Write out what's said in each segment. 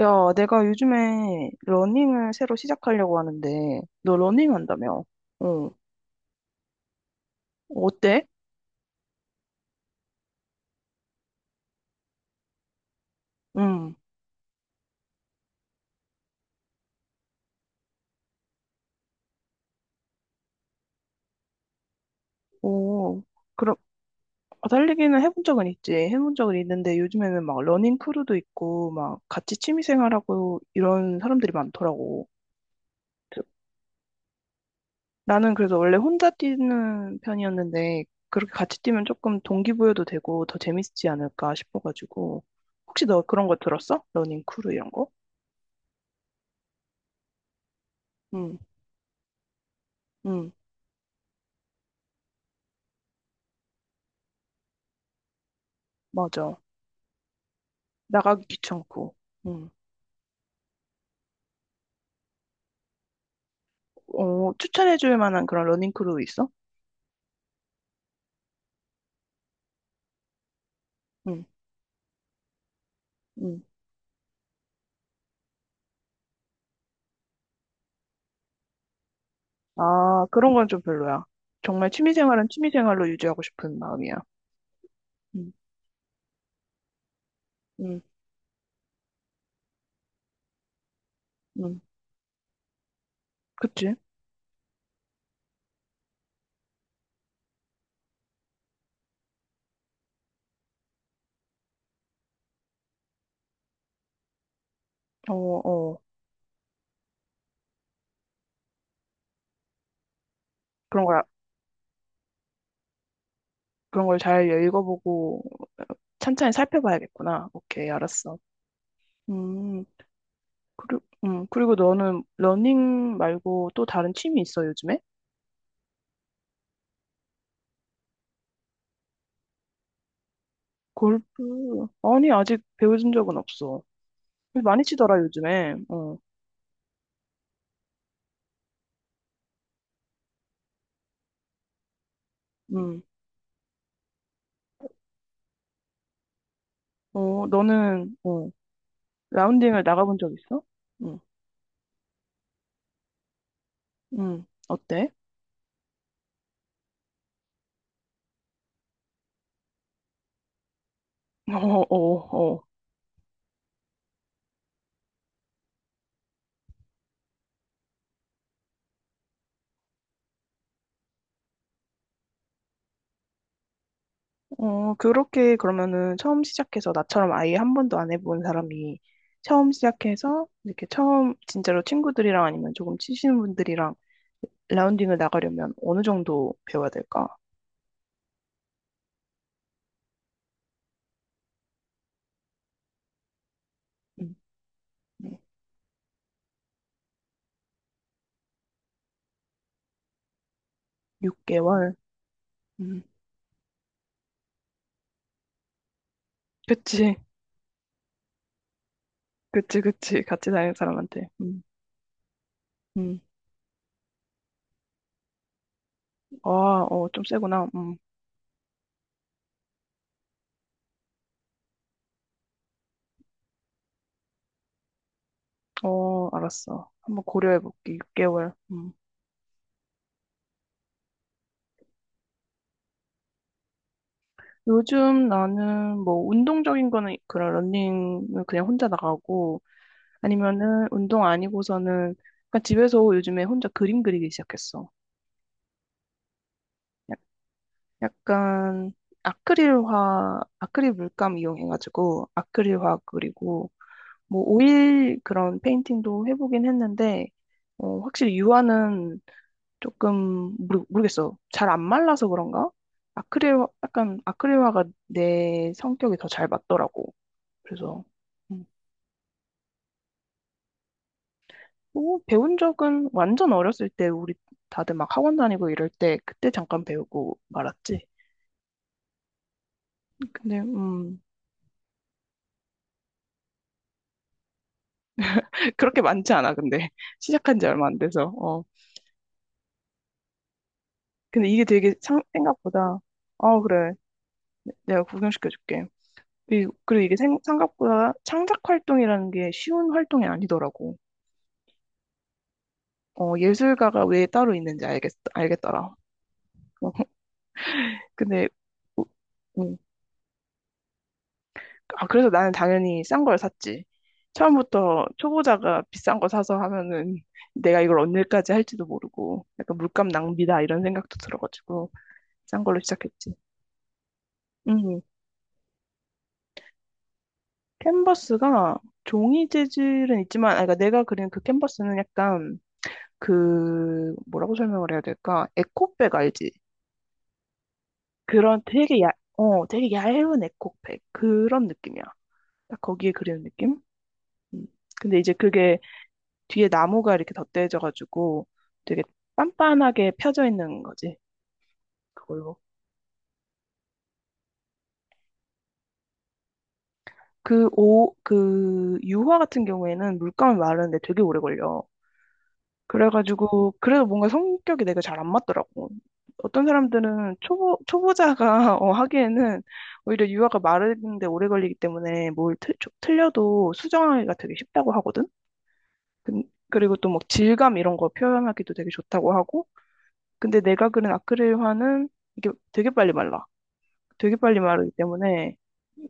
야, 내가 요즘에 러닝을 새로 시작하려고 하는데, 너 러닝 한다며? 어, 어때? 응, 오, 그럼, 아, 달리기는 해본 적은 있지. 해본 적은 있는데, 요즘에는 막 러닝 크루도 있고, 막 같이 취미생활하고 이런 사람들이 많더라고. 그 나는 그래서 원래 혼자 뛰는 편이었는데, 그렇게 같이 뛰면 조금 동기부여도 되고 더 재밌지 않을까 싶어가지고. 혹시 너 그런 거 들었어? 러닝 크루 이런 거? 응, 응, 맞아. 나가기 귀찮고. 응. 어, 추천해줄 만한 그런 러닝크루 있어? 응. 응. 아, 그런 건 좀 별로야. 정말 취미생활은 취미생활로 유지하고 싶은 마음이야. 응. 응. 응. 그치? 어, 어. 그런 걸, 그런 걸 잘 읽어보고 찬찬히 살펴봐야겠구나. 오케이, 알았어. 음. 그리, 그리고 너는 러닝 말고 또 다른 취미 있어, 요즘에? 골프. 아니, 아직 배워준 적은 없어. 많이 치더라, 요즘에. 어. 음. 어, 너는 라운딩을 나가본 적 있어? 응, 응, 어때? 어, 어, 어. 어, 그렇게 그러면은 처음 시작해서 나처럼 아예 한 번도 안 해본 사람이 처음 시작해서 이렇게 처음 진짜로 친구들이랑 아니면 조금 치시는 분들이랑 라운딩을 나가려면 어느 정도 배워야 될까? 응, 응, 6개월? 응. 그치, 그치, 그치. 같이 다니는 사람한테. 응. 응. 아, 어, 좀 세구나. 응. 어, 알았어. 한번 고려해볼게. 6개월. 요즘 나는 뭐 운동적인 거는 그런 러닝은 그냥 혼자 나가고, 아니면은 운동 아니고서는 약간 집에서 요즘에 혼자 그림 그리기 시작했어. 약- 약간 아크릴화, 아크릴 물감 이용해가지고 아크릴화 그리고 뭐 오일 그런 페인팅도 해보긴 했는데, 어, 확실히 유화는 조금 모르겠어. 잘 안 말라서 그런가? 아크릴, 약간 아크릴화가 내 성격이 더 잘 맞더라고. 그래서 음, 뭐 배운 적은 완전 어렸을 때 우리 다들 막 학원 다니고 이럴 때 그때 잠깐 배우고 말았지. 근데 음, 그렇게 많지 않아 근데. 시작한 지 얼마 안 돼서. 어, 근데 이게 되게 생각보다... 어, 그래. 내가 구경시켜줄게. 그리고 이게 생각보다 창작 활동이라는 게 쉬운 활동이 아니더라고. 어, 예술가가 왜 따로 있는지 알겠더라. 근데 음, 아, 그래서 나는 당연히 싼 걸 샀지. 처음부터 초보자가 비싼 거 사서 하면은 내가 이걸 언제까지 할지도 모르고 약간 물감 낭비다 이런 생각도 들어가지고 싼 걸로 시작했지. 음, 캔버스가 종이 재질은 있지만, 아, 그러니까 내가 그린 그 캔버스는 약간... 그, 뭐라고 설명을 해야 될까? 에코백 알지? 그런 되게 되게 얇은 에코백 그런 느낌이야. 딱 거기에 그리는 느낌? 음. 근데 이제 그게 뒤에 나무가 이렇게 덧대져가지고 되게 빤빤하게 펴져 있는 거지. 그걸로. 그 유화 같은 경우에는 물감이 마르는데 되게 오래 걸려. 그래가지고 그래도 뭔가 성격이 내가 잘 안 맞더라고. 어떤 사람들은 초보자가 어, 하기에는 오히려 유화가 마르는데 오래 걸리기 때문에 뭘 틀려도 수정하기가 되게 쉽다고 하거든. 근- 그리고 또 막 질감 이런 거 표현하기도 되게 좋다고 하고. 근데 내가 그린 아크릴화는 이게 되게 빨리 말라. 되게 빨리 마르기 때문에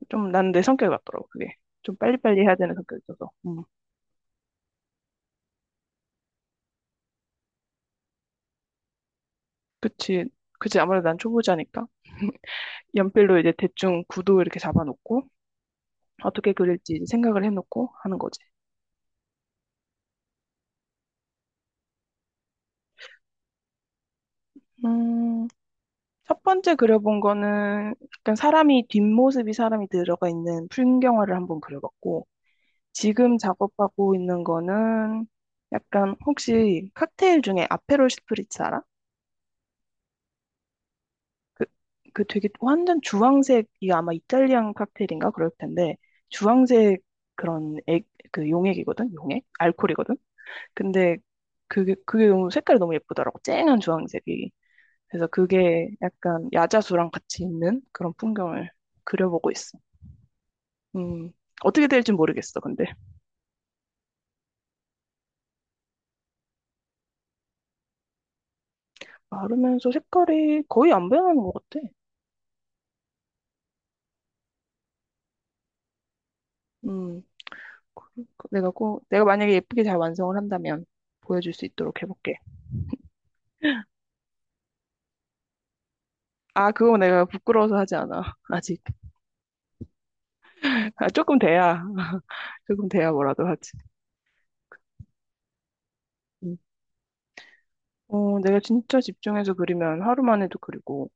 좀 난 내 성격이 맞더라고 그게. 좀 빨리빨리 해야 되는 성격이 있어서. 음. 그치, 그치. 아무래도 난 초보자니까. 연필로 이제 대충 구도 이렇게 잡아놓고 어떻게 그릴지 이제 생각을 해놓고 하는 거지. 음, 첫 번째 그려본 거는 약간 사람이 뒷모습이 사람이 들어가 있는 풍경화를 한번 그려봤고, 지금 작업하고 있는 거는 약간... 혹시 칵테일 중에 아페롤 스프리츠 알아? 그, 그 되게 완전 주황색이 아마 이탈리안 칵테일인가 그럴 텐데, 주황색 그런 그 용액이거든. 용액 알코올이거든. 근데 그게 너무 색깔이 너무 예쁘더라고. 쨍한 주황색이. 그래서 그게 약간 야자수랑 같이 있는 그런 풍경을 그려보고 있어. 음, 어떻게 될지 모르겠어 근데. 마르면서 색깔이 거의 안 변하는 것 같아. 음, 내가 꼭 내가 만약에 예쁘게 잘 완성을 한다면 보여줄 수 있도록 해볼게. 아, 그거 내가 부끄러워서 하지 않아. 아직. 아, 조금 돼야. 조금 돼야 뭐라도 하지. 음. 어, 내가 진짜 집중해서 그리면 하루만 해도 그리고.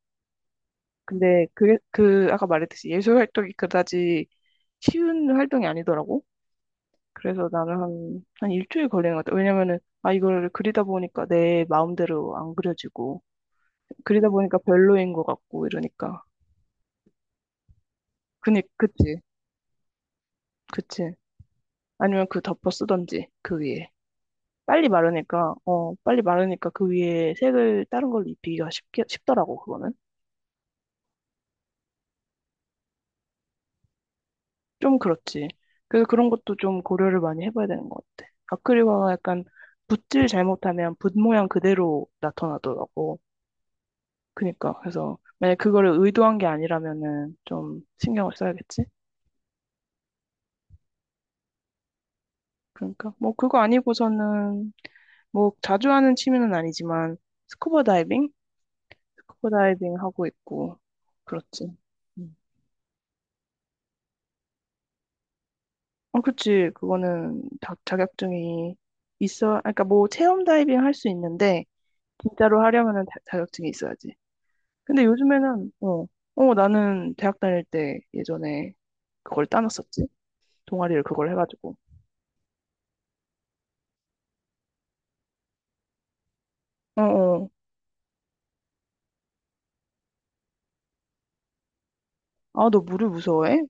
근데 그게, 그, 아까 말했듯이 예술 활동이 그다지 쉬운 활동이 아니더라고. 그래서 나는 한 일주일 걸리는 것 같아. 왜냐면은, 아, 이걸 그리다 보니까 내 마음대로 안 그려지고, 그리다 보니까 별로인 것 같고, 이러니까. 그치, 그치. 아니면 그 덮어 쓰던지, 그 위에. 빨리 마르니까 그 위에 색을 다른 걸로 입히기가 쉽게, 쉽더라고, 그거는. 좀 그렇지. 그래서 그런 것도 좀 고려를 많이 해봐야 되는 것 같아. 아크릴화가 약간 붓질 잘못하면 붓 모양 그대로 나타나더라고. 그니까, 그래서 만약 그거를 의도한 게 아니라면은 좀 신경을 써야겠지? 그러니까, 뭐 그거 아니고서는 뭐 자주 하는 취미는 아니지만 스쿠버 다이빙? 스쿠버 다이빙 하고 있고. 그렇지. 음. 어, 그치. 그거는 다 자격증이 있어. 아, 그러니까 뭐 체험 다이빙 할 수 있는데 진짜로 하려면은 자격증이 있어야지. 근데 요즘에는... 어, 나는 대학 다닐 때 예전에 그걸 따놨었지. 동아리를 그걸 해가지고. 어, 어. 아, 너 물을 무서워해?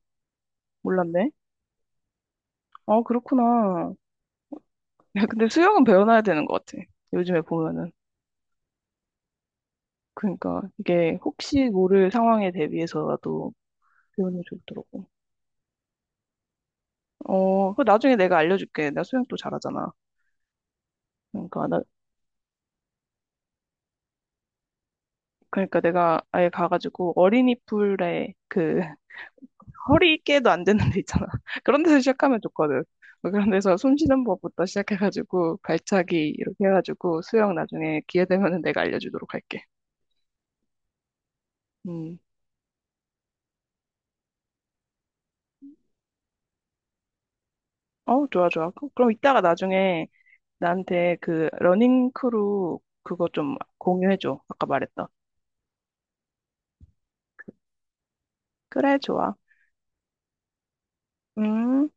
몰랐네. 아, 그렇구나. 야, 근데 수영은 배워놔야 되는 것 같아. 요즘에 보면은. 그러니까 이게 혹시 모를 상황에 대비해서라도 배우는 게 좋더라고. 어, 그 나중에 내가 알려줄게. 나 수영 또 잘하잖아. 그러니까 나 그러니까 내가 아예 가가지고 어린이 풀에 허리깨도 안 되는 데 있잖아. 그런 데서 시작하면 좋거든. 뭐 그런 데서 숨 쉬는 법부터 시작해가지고 발차기 이렇게 해가지고 수영 나중에 기회 되면은 내가 알려주도록 할게. 음. 어, 좋아, 좋아. 그럼 이따가 나중에 나한테 그 러닝 크루 그거 좀 공유해줘. 아까 말했던. 그래, 좋아. 음.